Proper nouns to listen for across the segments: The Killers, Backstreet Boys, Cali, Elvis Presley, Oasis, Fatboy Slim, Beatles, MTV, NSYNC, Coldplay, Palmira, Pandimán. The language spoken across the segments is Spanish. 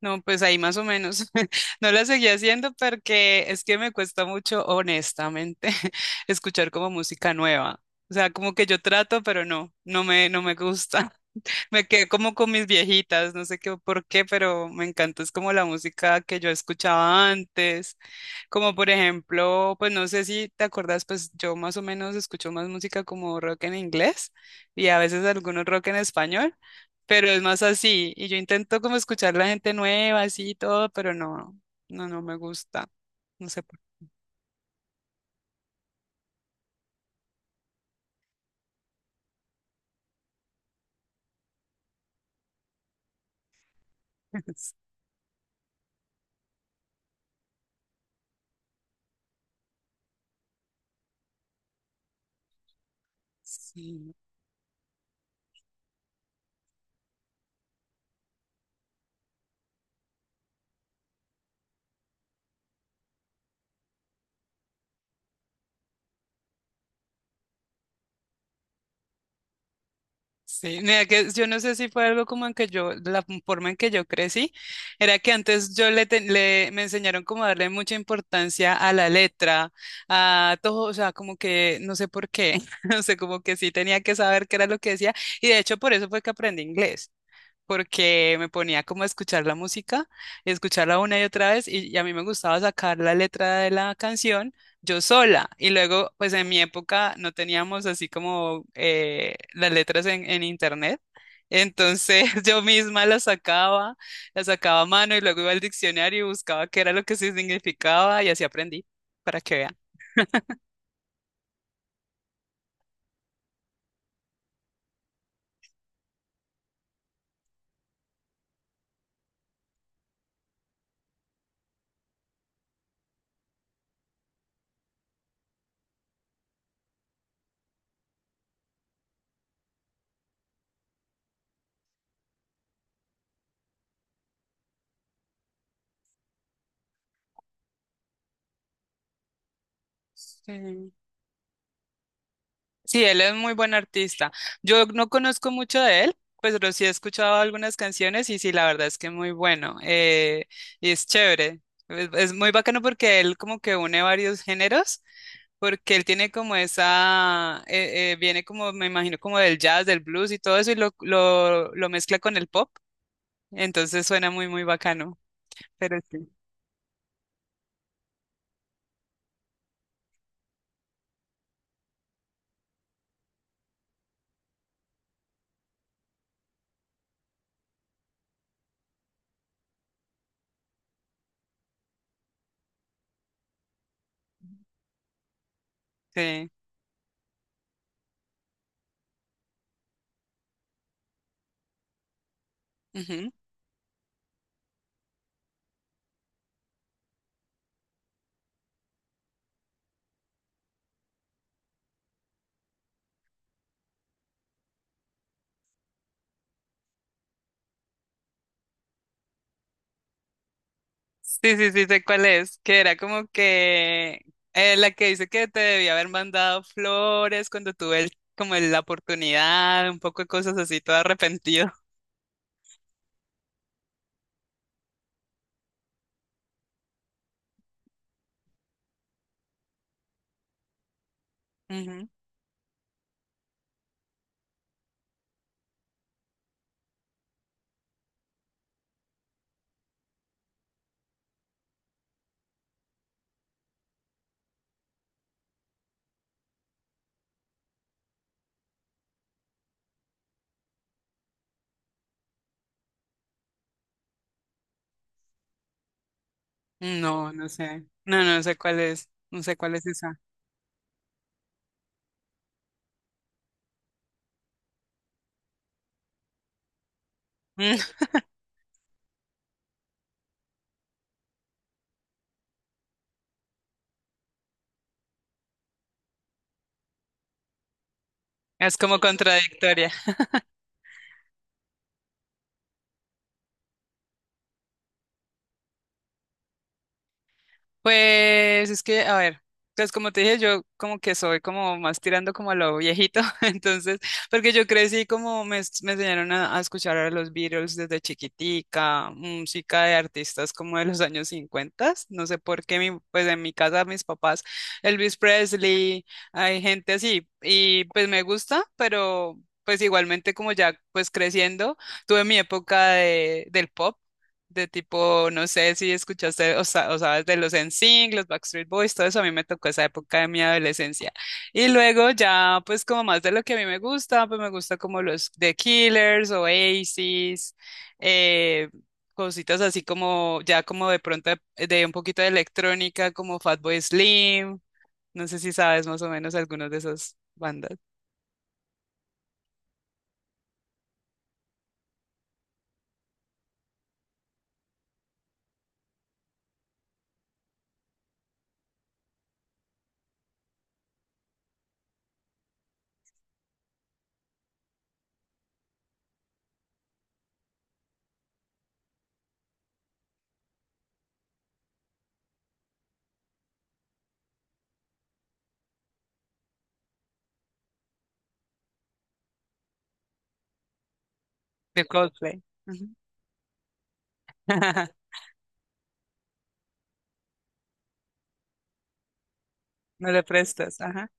No, pues ahí más o menos. No la seguí haciendo porque es que me cuesta mucho, honestamente, escuchar como música nueva. O sea, como que yo trato, pero no, no me gusta. Me quedé como con mis viejitas, no sé qué por qué, pero me encanta, es como la música que yo escuchaba antes, como por ejemplo, pues no sé si te acuerdas, pues yo más o menos escucho más música como rock en inglés y a veces algunos rock en español, pero es más así, y yo intento como escuchar la gente nueva, así y todo, pero no, no, no me gusta, no sé por qué. Sí. Sí, mira que yo no sé si fue algo como en que yo, la forma en que yo crecí, era que antes yo le, te- le- me enseñaron como a darle mucha importancia a la letra, a todo, o sea, como que no sé por qué, no sé, como que sí tenía que saber qué era lo que decía, y de hecho por eso fue que aprendí inglés porque me ponía como a escuchar la música y escucharla una y otra vez y a mí me gustaba sacar la letra de la canción yo sola y luego pues en mi época no teníamos así como las letras en internet. Entonces yo misma las sacaba a mano y luego iba al diccionario y buscaba qué era lo que sí significaba y así aprendí, para que vean. Sí. Sí, él es muy buen artista. Yo no conozco mucho de él, pues, pero sí he escuchado algunas canciones y sí, la verdad es que es muy bueno. Y es chévere. Es muy bacano porque él como que une varios géneros, porque él tiene como esa, viene como, me imagino, como del jazz, del blues y todo eso y lo mezcla con el pop. Entonces suena muy, muy bacano. Pero sí. Sí. Ujú. Sí, sí, sí, sé cuál es, que era como que la que dice que te debía haber mandado flores cuando tuve el- como el- la oportunidad, un poco de cosas así, todo arrepentido. Ujú. No, no sé. No, no sé cuál es. No sé cuál es esa. Mm. Es como contradictoria. Pues es que, a ver, pues como te dije, yo como que soy como más tirando como a lo viejito, entonces, porque yo crecí como me enseñaron a escuchar a los Beatles desde chiquitica, música de artistas como de los años 50, no sé por qué, mi, pues en mi casa mis papás, Elvis Presley, hay gente así, y pues me gusta, pero pues igualmente como ya pues creciendo, tuve mi época de, del pop de tipo, no sé si escuchaste o sabes de los NSYNC, los Backstreet Boys, todo eso a mí me tocó esa época de mi adolescencia. Y luego ya, pues como más de lo que a mí me gusta, pues me gusta como los The Killers, Oasis, eh, cositas así como, ya como de pronto de un poquito de electrónica, como Fatboy Slim, no sé si sabes más o menos algunos de esas bandas de Coldplay. Ujú. No le prestas, ajá.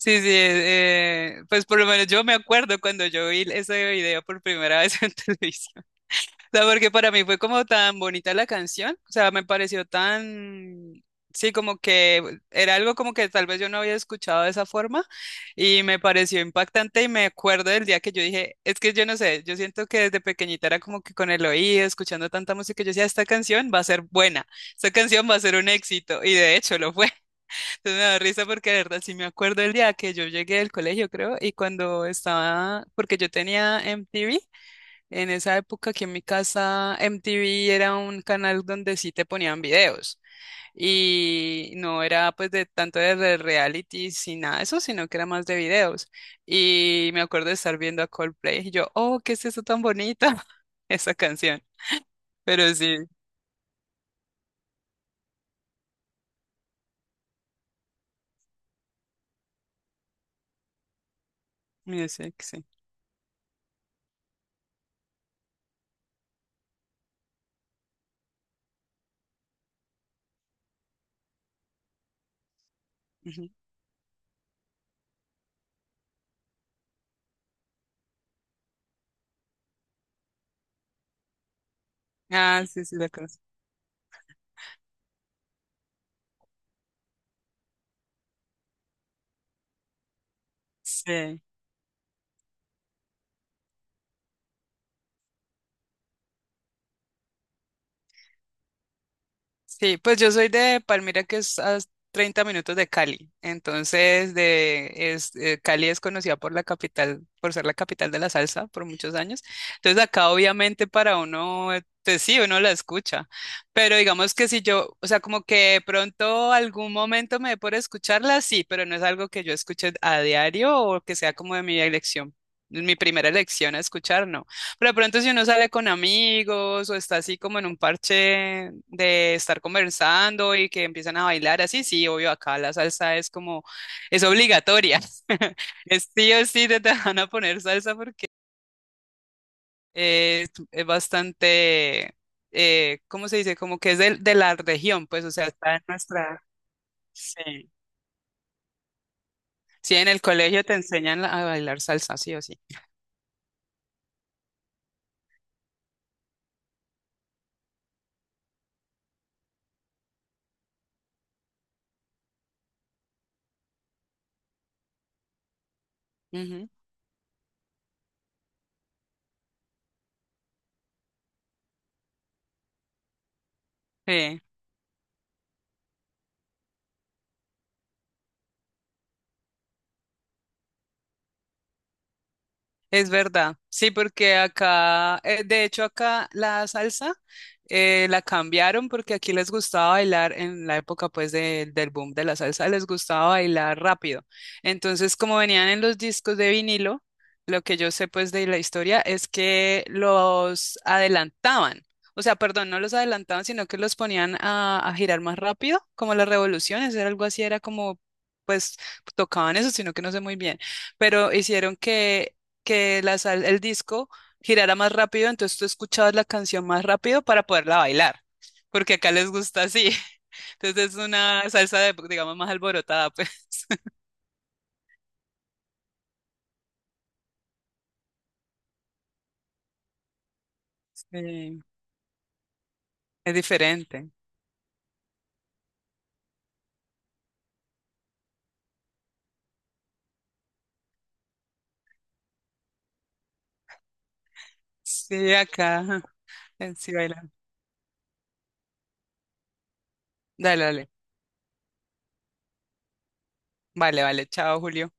Sí, sí, pues por lo menos yo me acuerdo cuando yo vi ese video por primera vez en televisión. O sea, porque para mí fue como tan bonita la canción, o sea, me pareció tan, sí, como que era algo como que tal vez yo no había escuchado de esa forma y me pareció impactante y me acuerdo del día que yo dije, es que yo no sé, yo siento que desde pequeñita era como que con el oído, escuchando tanta música, yo decía, esta canción va a ser buena, esta canción va a ser un éxito y de hecho lo fue. Entonces me da risa porque de verdad sí me acuerdo el día que yo llegué del colegio, creo, y cuando estaba, porque yo tenía MTV, en esa época aquí en mi casa MTV era un canal donde sí te ponían videos y no era pues de tanto de realities y nada de eso, sino que era más de videos. Y me acuerdo de estar viendo a Coldplay y yo, oh, ¿qué es eso tan bonito? Esa canción. Pero sí, mira, sí, que sí. Ujú. Ah, sí, sí, la conozco. Sí. Sí, pues yo soy de Palmira, que es a 30 minutos de Cali. Entonces, de, es, Cali es conocida por la capital, por ser la capital de la salsa por muchos años. Entonces, acá obviamente para uno, pues sí, uno la escucha. Pero digamos que si yo, o sea, como que de pronto algún momento me dé por escucharla, sí, pero no es algo que yo escuche a diario o que sea como de mi elección, mi primera elección a escuchar, no. Pero de pronto si uno sale con amigos o está así como en un parche de estar conversando y que empiezan a bailar así, sí, obvio, acá la salsa es como, es obligatoria. Es sí o sí te van a poner salsa porque es bastante, ¿cómo se dice? Como que es de la región, pues, o sea, está en nuestra... Sí. Sí, en el colegio te enseñan a bailar salsa, sí o sí. Ujú, sí. Es verdad, sí, porque acá, de hecho acá la salsa la cambiaron porque aquí les gustaba bailar en la época pues del boom de la salsa, les gustaba bailar rápido. Entonces, como venían en los discos de vinilo, lo que yo sé pues de la historia es que los adelantaban, o sea, perdón, no los adelantaban, sino que los ponían a girar más rápido, como las revoluciones, era algo así, era como... pues tocaban eso, sino que no sé muy bien pero hicieron que el disco girara más rápido, entonces tú escuchabas la canción más rápido para poderla bailar, porque acá les gusta así. Entonces es una salsa de, digamos, más alborotada, pues. Sí, es diferente. Sí, acá. Ajá. Sí, baila. Dale, dale. Vale, vale. Chao, Julio.